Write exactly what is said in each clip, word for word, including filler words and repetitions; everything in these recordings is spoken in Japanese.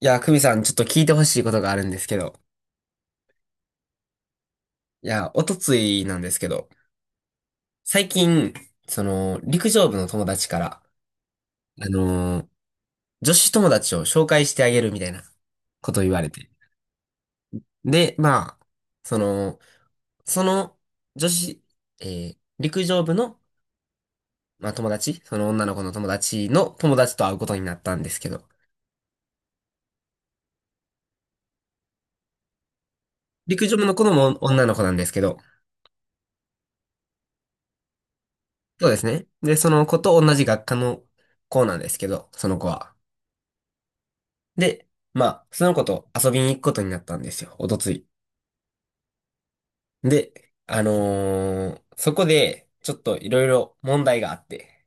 いや、久美さん、ちょっと聞いてほしいことがあるんですけど。いや、おとついなんですけど、最近、その、陸上部の友達から、あのー女子友達を紹介してあげるみたいなことを言われて。で、まあ、その、その、女子、えー陸上部の、まあ、友達、その女の子の友達の友達と会うことになったんですけど、陸上部の子も女の子なんですけど、そうですね。で、その子と同じ学科の子なんですけど、その子は。で、まあ、その子と遊びに行くことになったんですよ、おとつい。で、あのーそこで、ちょっといろいろ問題があって、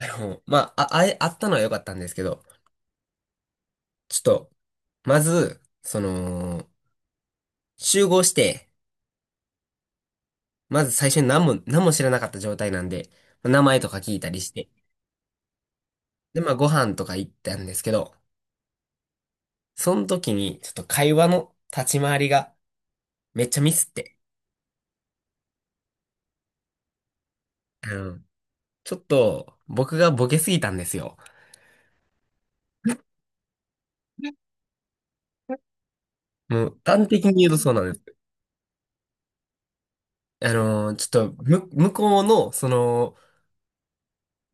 あのーまあ、あ、あえ、あったのは良かったんですけど、ちょっと、まず、その、集合して、まず最初に何も、何も知らなかった状態なんで、名前とか聞いたりして、で、まあ、ご飯とか行ったんですけど、その時に、ちょっと会話の立ち回りがめっちゃミスって、あの、ちょっと、僕がボケすぎたんですよ。もう端的に言うとそうなんです。あのーちょっと、む、向こうの、その、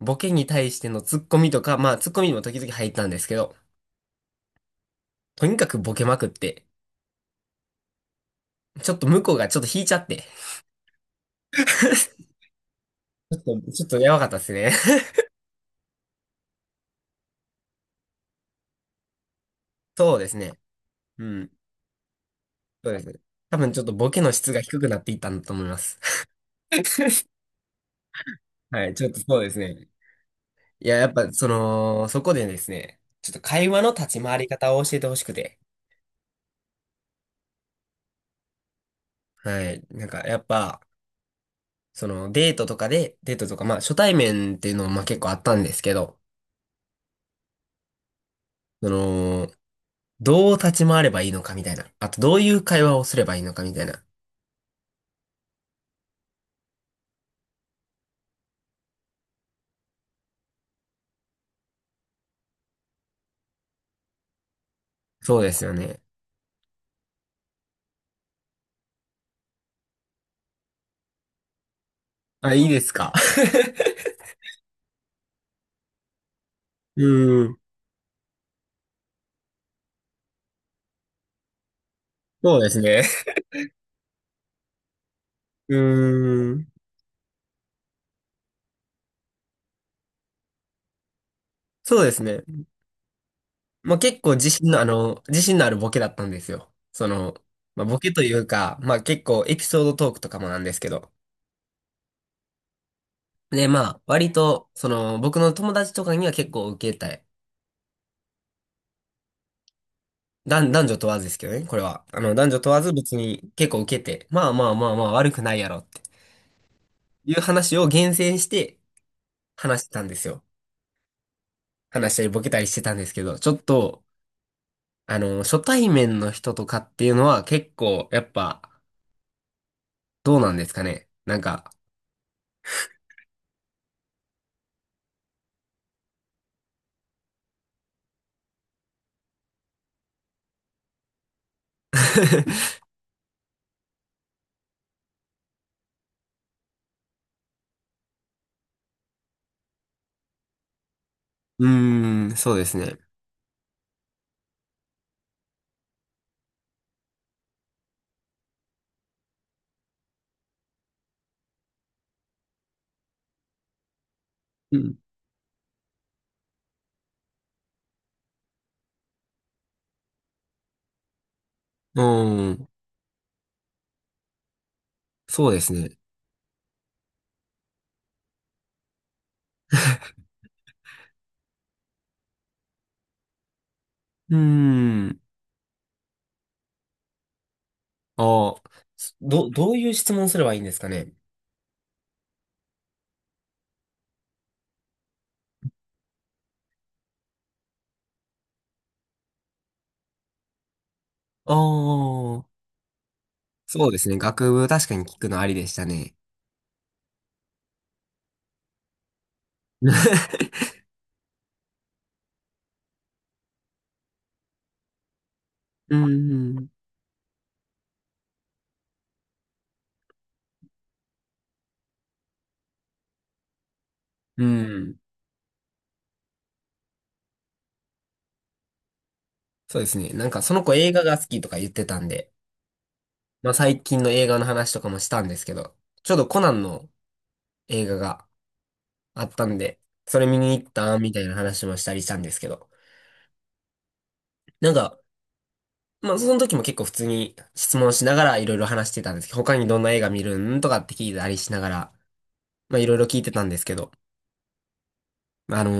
ボケに対してのツッコミとか、まあ、ツッコミにも時々入ったんですけど、とにかくボケまくって、ちょっと向こうがちょっと引いちゃって、ちょっと、ちょっとやばかったですね。そうですね。うん。そうです。多分ちょっとボケの質が低くなっていったんだと思います。はい、ちょっとそうですね。いや、やっぱ、その、そこでですね、ちょっと会話の立ち回り方を教えてほしくて、はい、なんか、やっぱ、そのデートとかで、デートとか、まあ初対面っていうのもまあ結構あったんですけど、その、どう立ち回ればいいのかみたいな。あとどういう会話をすればいいのかみたいな。そうですよね。あ、いいですか。うーん。そうですね。うーん。そうですね。まあ結構自信の、あの、自信のあるボケだったんですよ。その、まあボケというか、まあ結構エピソードトークとかもなんですけど。で、まあ割と、その、僕の友達とかには結構受けた男、男女問わずですけどね、これは。あの、男女問わず別に結構受けて、まあまあまあまあ悪くないやろっていう話を厳選して話してたんですよ。話したりボケたりしてたんですけど、ちょっと、あの、初対面の人とかっていうのは結構、やっぱ、どうなんですかね。なんか うーん、そうですね。うん。うーん、そうですね。うーん、ああ、ど、どういう質問すればいいんですかね。ああ、そうですね。学部確かに聞くのありでしたね。うん。うん。そうですね。なんかその子映画が好きとか言ってたんで、まあ最近の映画の話とかもしたんですけど、ちょうどコナンの映画があったんで、それ見に行ったみたいな話もしたりしたんですけど、なんか、まあその時も結構普通に質問しながらいろいろ話してたんですけど、他にどんな映画見るんとかって聞いたりしながら、まあいろいろ聞いてたんですけど、あの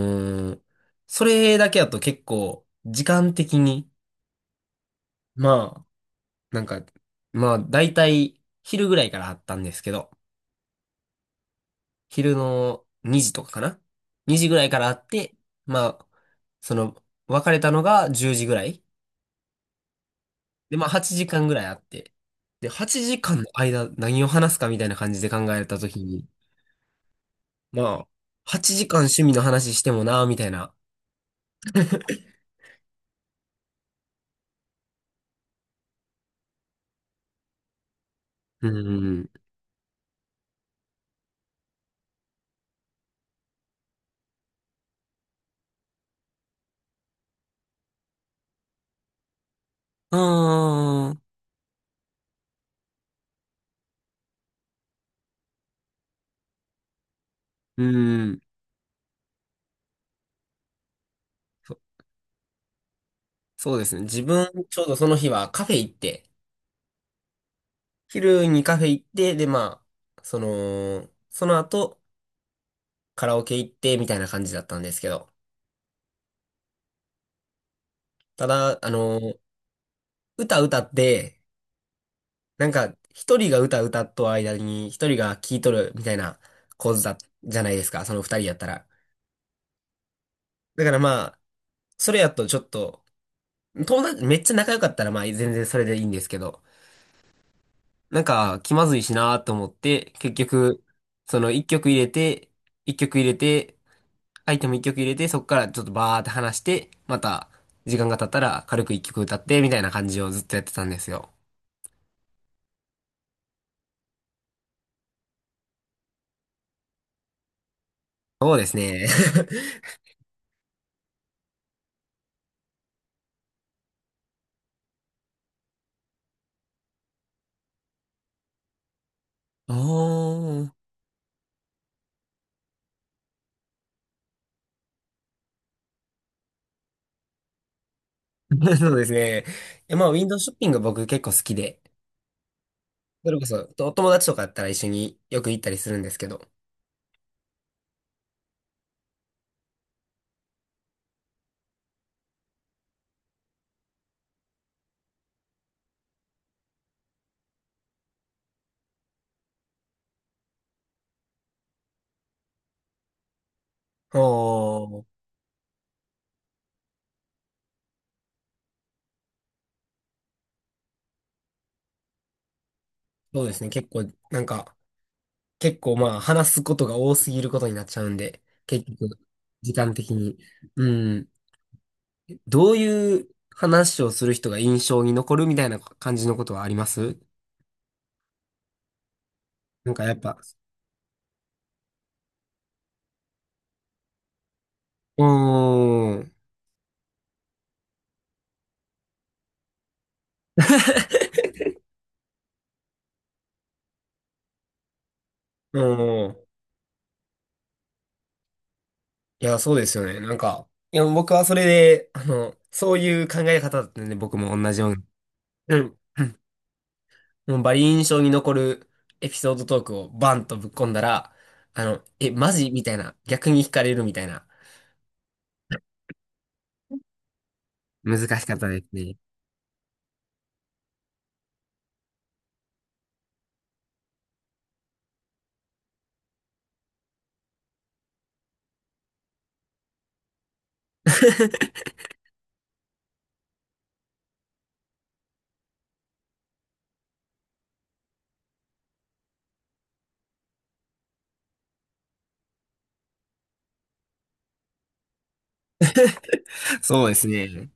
ーそれだけだと結構時間的に、まあなんか、まあ、だいたい昼ぐらいからあったんですけど、昼のにじとかかな ?に 時ぐらいからあって、まあ、その、別れたのがじゅうじぐらい。で、まあ、はちじかんぐらいあって。で、はちじかんの間、何を話すかみたいな感じで考えたときに、まあ、はちじかん趣味の話してもな、みたいな。うん。ああ、うん。そそうですね。自分、ちょうどその日はカフェ行って、昼にカフェ行って、で、まあ、その、その後、カラオケ行って、みたいな感じだったんですけど。ただ、あの、歌歌って、なんか、一人が歌歌っと間に、一人が聴いとる、みたいな構図だ、じゃないですか、その二人やったら。だからまあ、それやとちょっと、友達、めっちゃ仲良かったらまあ、全然それでいいんですけど、なんか、気まずいしなと思って、結局、その一曲入れて、一曲入れて、アイテム一曲入れて、そこからちょっとバーって話して、また、時間が経ったら軽く一曲歌って、みたいな感じをずっとやってたんですよ。そうですね。おー。そうですね。いやまあ、ウィンドウショッピング僕結構好きで、それこそ、とお友達とかだったら一緒によく行ったりするんですけど。おー。そうですね。結構、なんか、結構まあ、話すことが多すぎることになっちゃうんで、結局、時間的に。うん。どういう話をする人が印象に残るみたいな感じのことはあります。なんかやっぱ、うーん、うーん。いや、そうですよね。なんか、いや、僕はそれで、あの、そういう考え方だったんで、僕も同じように。うん。もうバリ印象に残るエピソードトークをバンとぶっ込んだら、あの、え、マジみたいな、逆に惹かれるみたいな。難しかったですね。そうですね。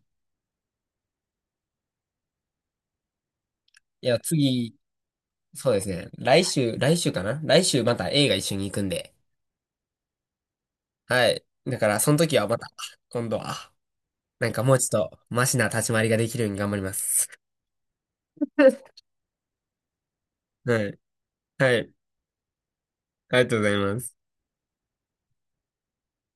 いや、次、そうですね。来週、来週かな来週また映画一緒に行くんで。はい。だから、その時はまた、今度は、なんかもうちょっと、マシな立ち回りができるように頑張ります。はい。はい。ありがとうございます。